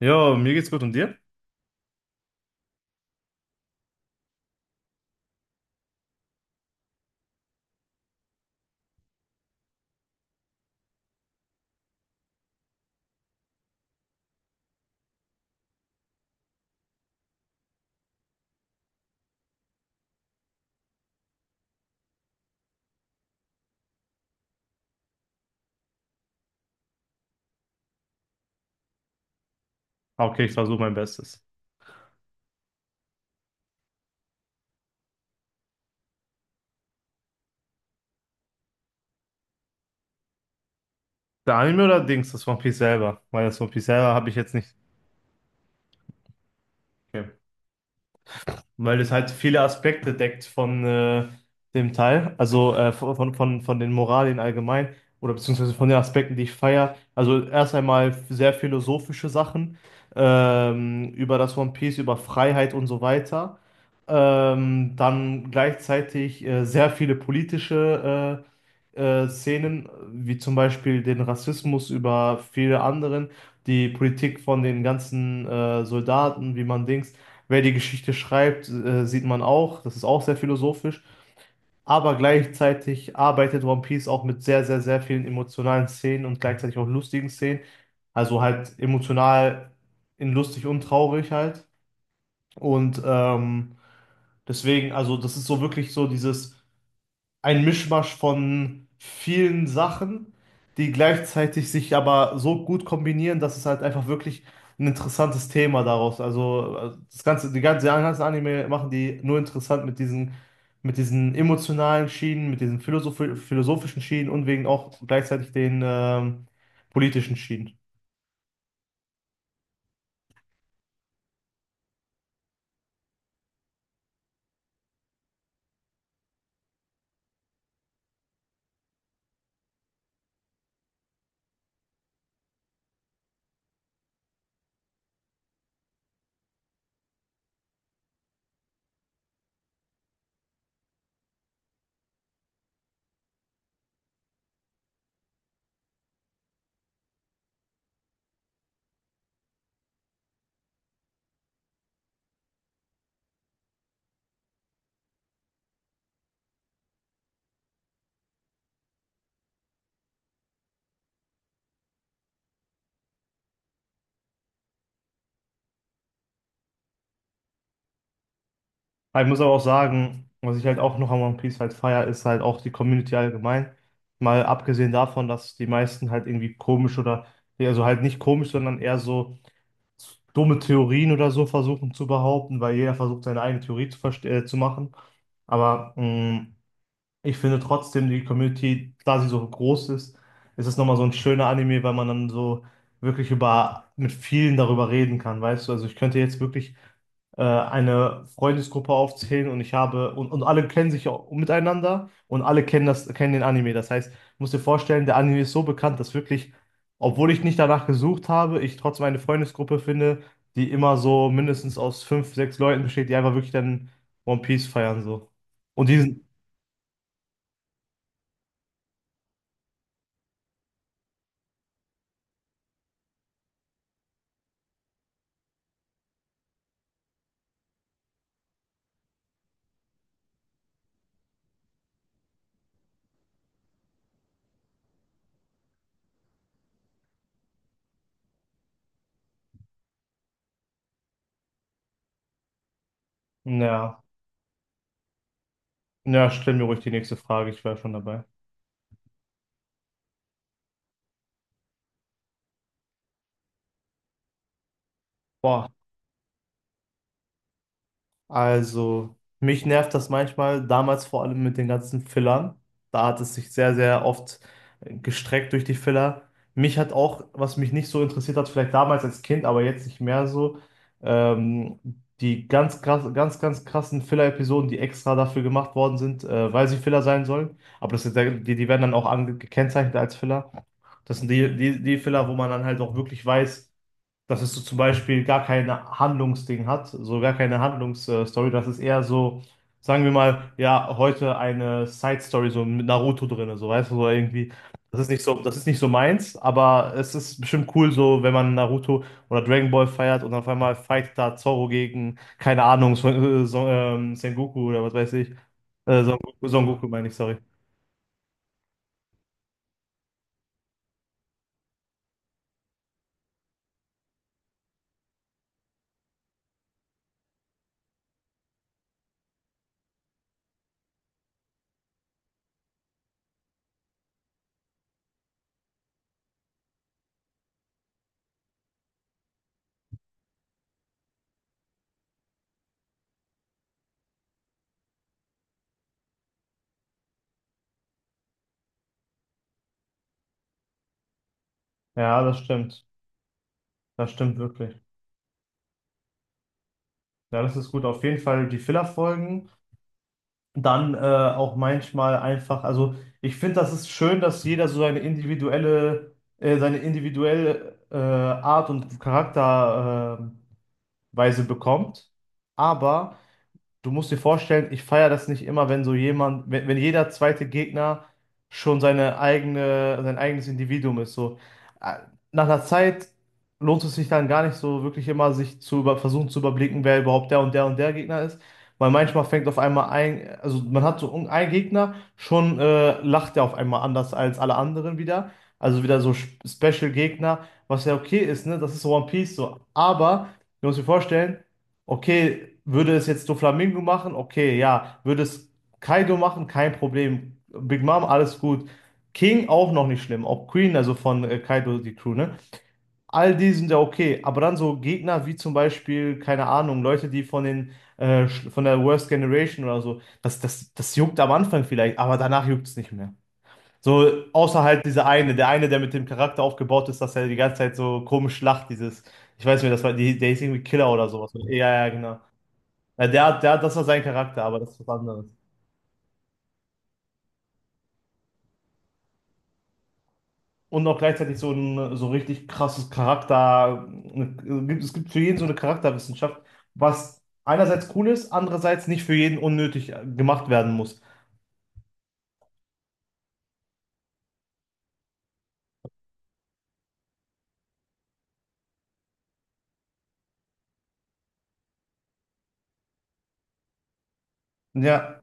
Jo, mir geht's gut und dir? Ah, okay, ich versuche mein Bestes. Der Anime oder Dings, das One Piece selber? Weil das One Piece selber habe ich jetzt nicht. Okay, weil es halt viele Aspekte deckt von dem Teil, also von, von den Moralien allgemein oder beziehungsweise von den Aspekten, die ich feiere. Also erst einmal sehr philosophische Sachen über das One Piece, über Freiheit und so weiter. Dann gleichzeitig sehr viele politische Szenen, wie zum Beispiel den Rassismus über viele anderen, die Politik von den ganzen Soldaten, wie man Dings, wer die Geschichte schreibt, sieht man auch. Das ist auch sehr philosophisch, aber gleichzeitig arbeitet One Piece auch mit sehr, sehr, sehr vielen emotionalen Szenen und gleichzeitig auch lustigen Szenen. Also halt emotional in lustig und traurig halt. Und deswegen, also das ist so wirklich so dieses, ein Mischmasch von vielen Sachen, die gleichzeitig sich aber so gut kombinieren, dass es halt einfach wirklich ein interessantes Thema daraus. Also das ganze, die ganzen Anime machen die nur interessant mit diesen emotionalen Schienen, mit diesen philosophischen Schienen und wegen auch gleichzeitig den politischen Schienen. Aber ich muss aber auch sagen, was ich halt auch noch an One Piece halt feier, ist halt auch die Community allgemein. Mal abgesehen davon, dass die meisten halt irgendwie komisch oder, also halt nicht komisch, sondern eher so dumme Theorien oder so versuchen zu behaupten, weil jeder versucht, seine eigene Theorie zu, zu machen. Aber ich finde trotzdem, die Community, da sie so groß ist, ist es nochmal so ein schöner Anime, weil man dann so wirklich über, mit vielen darüber reden kann, weißt du? Also ich könnte jetzt wirklich eine Freundesgruppe aufzählen und ich habe, und alle kennen sich auch miteinander und alle kennen das, kennen den Anime. Das heißt, ich muss dir vorstellen, der Anime ist so bekannt, dass wirklich, obwohl ich nicht danach gesucht habe, ich trotzdem eine Freundesgruppe finde, die immer so mindestens aus fünf, sechs Leuten besteht, die einfach wirklich dann One Piece feiern, so. Und die sind, ja. Ja, stell mir ruhig die nächste Frage, ich wäre schon dabei. Boah, also, mich nervt das manchmal, damals vor allem mit den ganzen Fillern. Da hat es sich sehr, sehr oft gestreckt durch die Filler. Mich hat auch, was mich nicht so interessiert hat, vielleicht damals als Kind, aber jetzt nicht mehr so, ähm, die ganz krass, ganz, ganz krassen Filler-Episoden, die extra dafür gemacht worden sind, weil sie Filler sein sollen. Aber das sind, ja, die, die werden dann auch gekennzeichnet als Filler. Das sind die, die Filler, wo man dann halt auch wirklich weiß, dass es so zum Beispiel gar keine Handlungsding hat, so gar keine Handlungsstory. Das ist eher so, sagen wir mal, ja, heute eine Side-Story, so mit Naruto drin, so weißt du, so irgendwie. Das ist nicht so, das ist nicht so meins, aber es ist bestimmt cool, so wenn man Naruto oder Dragon Ball feiert und auf einmal fightet da Zorro gegen, keine Ahnung, Sengoku oder was weiß ich. Son Goku meine ich, sorry. Ja, das stimmt. Das stimmt wirklich. Ja, das ist gut. Auf jeden Fall die Filler-Folgen. Dann auch manchmal einfach, also ich finde, das ist schön, dass jeder so seine individuelle Art und Charakterweise Weise bekommt. Aber du musst dir vorstellen, ich feiere das nicht immer, wenn so jemand, wenn, wenn jeder zweite Gegner schon seine eigene, sein eigenes Individuum ist. So, Äh, nach einer Zeit lohnt es sich dann gar nicht so wirklich immer, sich zu über, versuchen zu überblicken, wer überhaupt der und der und der Gegner ist. Weil manchmal fängt auf einmal ein, also man hat so einen Gegner, schon lacht er auf einmal anders als alle anderen wieder. Also wieder so Special-Gegner, was ja okay ist, ne? Das ist so One Piece so. Aber, du musst dir vorstellen, okay, würde es jetzt Doflamingo machen? Okay, ja. Würde es Kaido machen? Kein Problem. Big Mom, alles gut. King auch noch nicht schlimm. Auch Queen, also von Kaido, die Crew, ne? All die sind ja okay. Aber dann so Gegner wie zum Beispiel, keine Ahnung, Leute, die von den, von der Worst Generation oder so, das, das, das juckt am Anfang vielleicht, aber danach juckt es nicht mehr. So, außer halt dieser eine, der mit dem Charakter aufgebaut ist, dass er die ganze Zeit so komisch lacht, dieses, ich weiß nicht, das war, die, der hieß irgendwie Killer oder sowas. Ja, ja, genau. Ja, der, der, das war sein Charakter, aber das ist was anderes. Und auch gleichzeitig so ein so richtig krasses Charakter. eine- Es gibt für jeden so eine Charakterwissenschaft, was einerseits cool ist, andererseits nicht für jeden unnötig gemacht werden muss. Ja,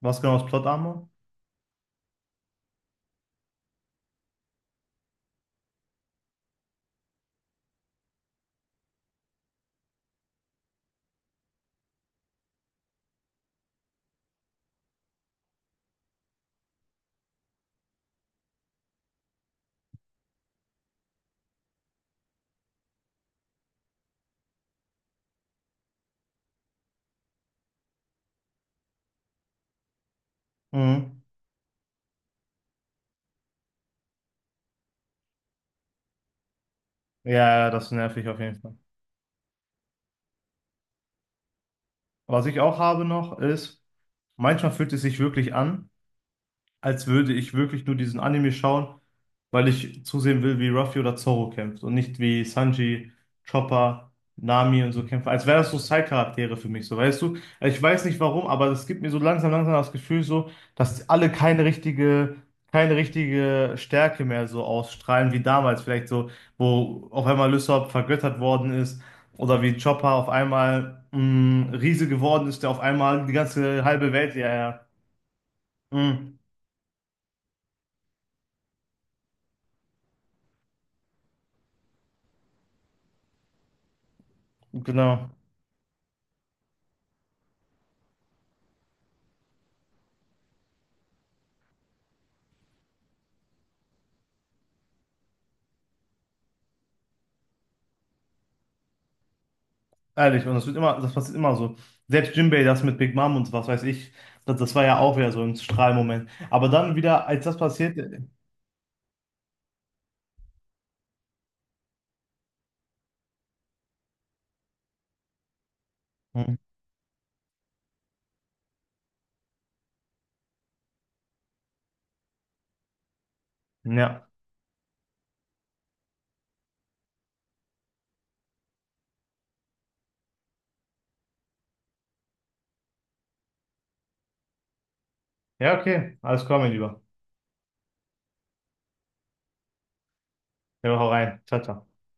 was genau ist Plot Armor? Mhm. Ja, ja, das nervt mich auf jeden Fall. Was ich auch habe noch ist, manchmal fühlt es sich wirklich an, als würde ich wirklich nur diesen Anime schauen, weil ich zusehen will, wie Ruffy oder Zoro kämpft und nicht wie Sanji, Chopper, Nami und so kämpfen. Als wären das so Side-Charaktere für mich, so weißt du? Ich weiß nicht warum, aber es gibt mir so langsam, langsam das Gefühl so, dass alle keine richtige, keine richtige Stärke mehr so ausstrahlen wie damals, vielleicht so, wo auf einmal Lysop vergöttert worden ist oder wie Chopper auf einmal Riese geworden ist, der auf einmal die ganze halbe Welt, ja, ja. Mh, genau. Ehrlich, und das wird immer, das passiert immer so. Selbst Jinbei, das mit Big Mom und was weiß ich, das, das war ja auch wieder so ein Strahlmoment. Aber dann wieder, als das passiert. Hm, Ja. Ja, okay. Alles klar, mein Lieber. Ja, hau rein. Ciao, ciao.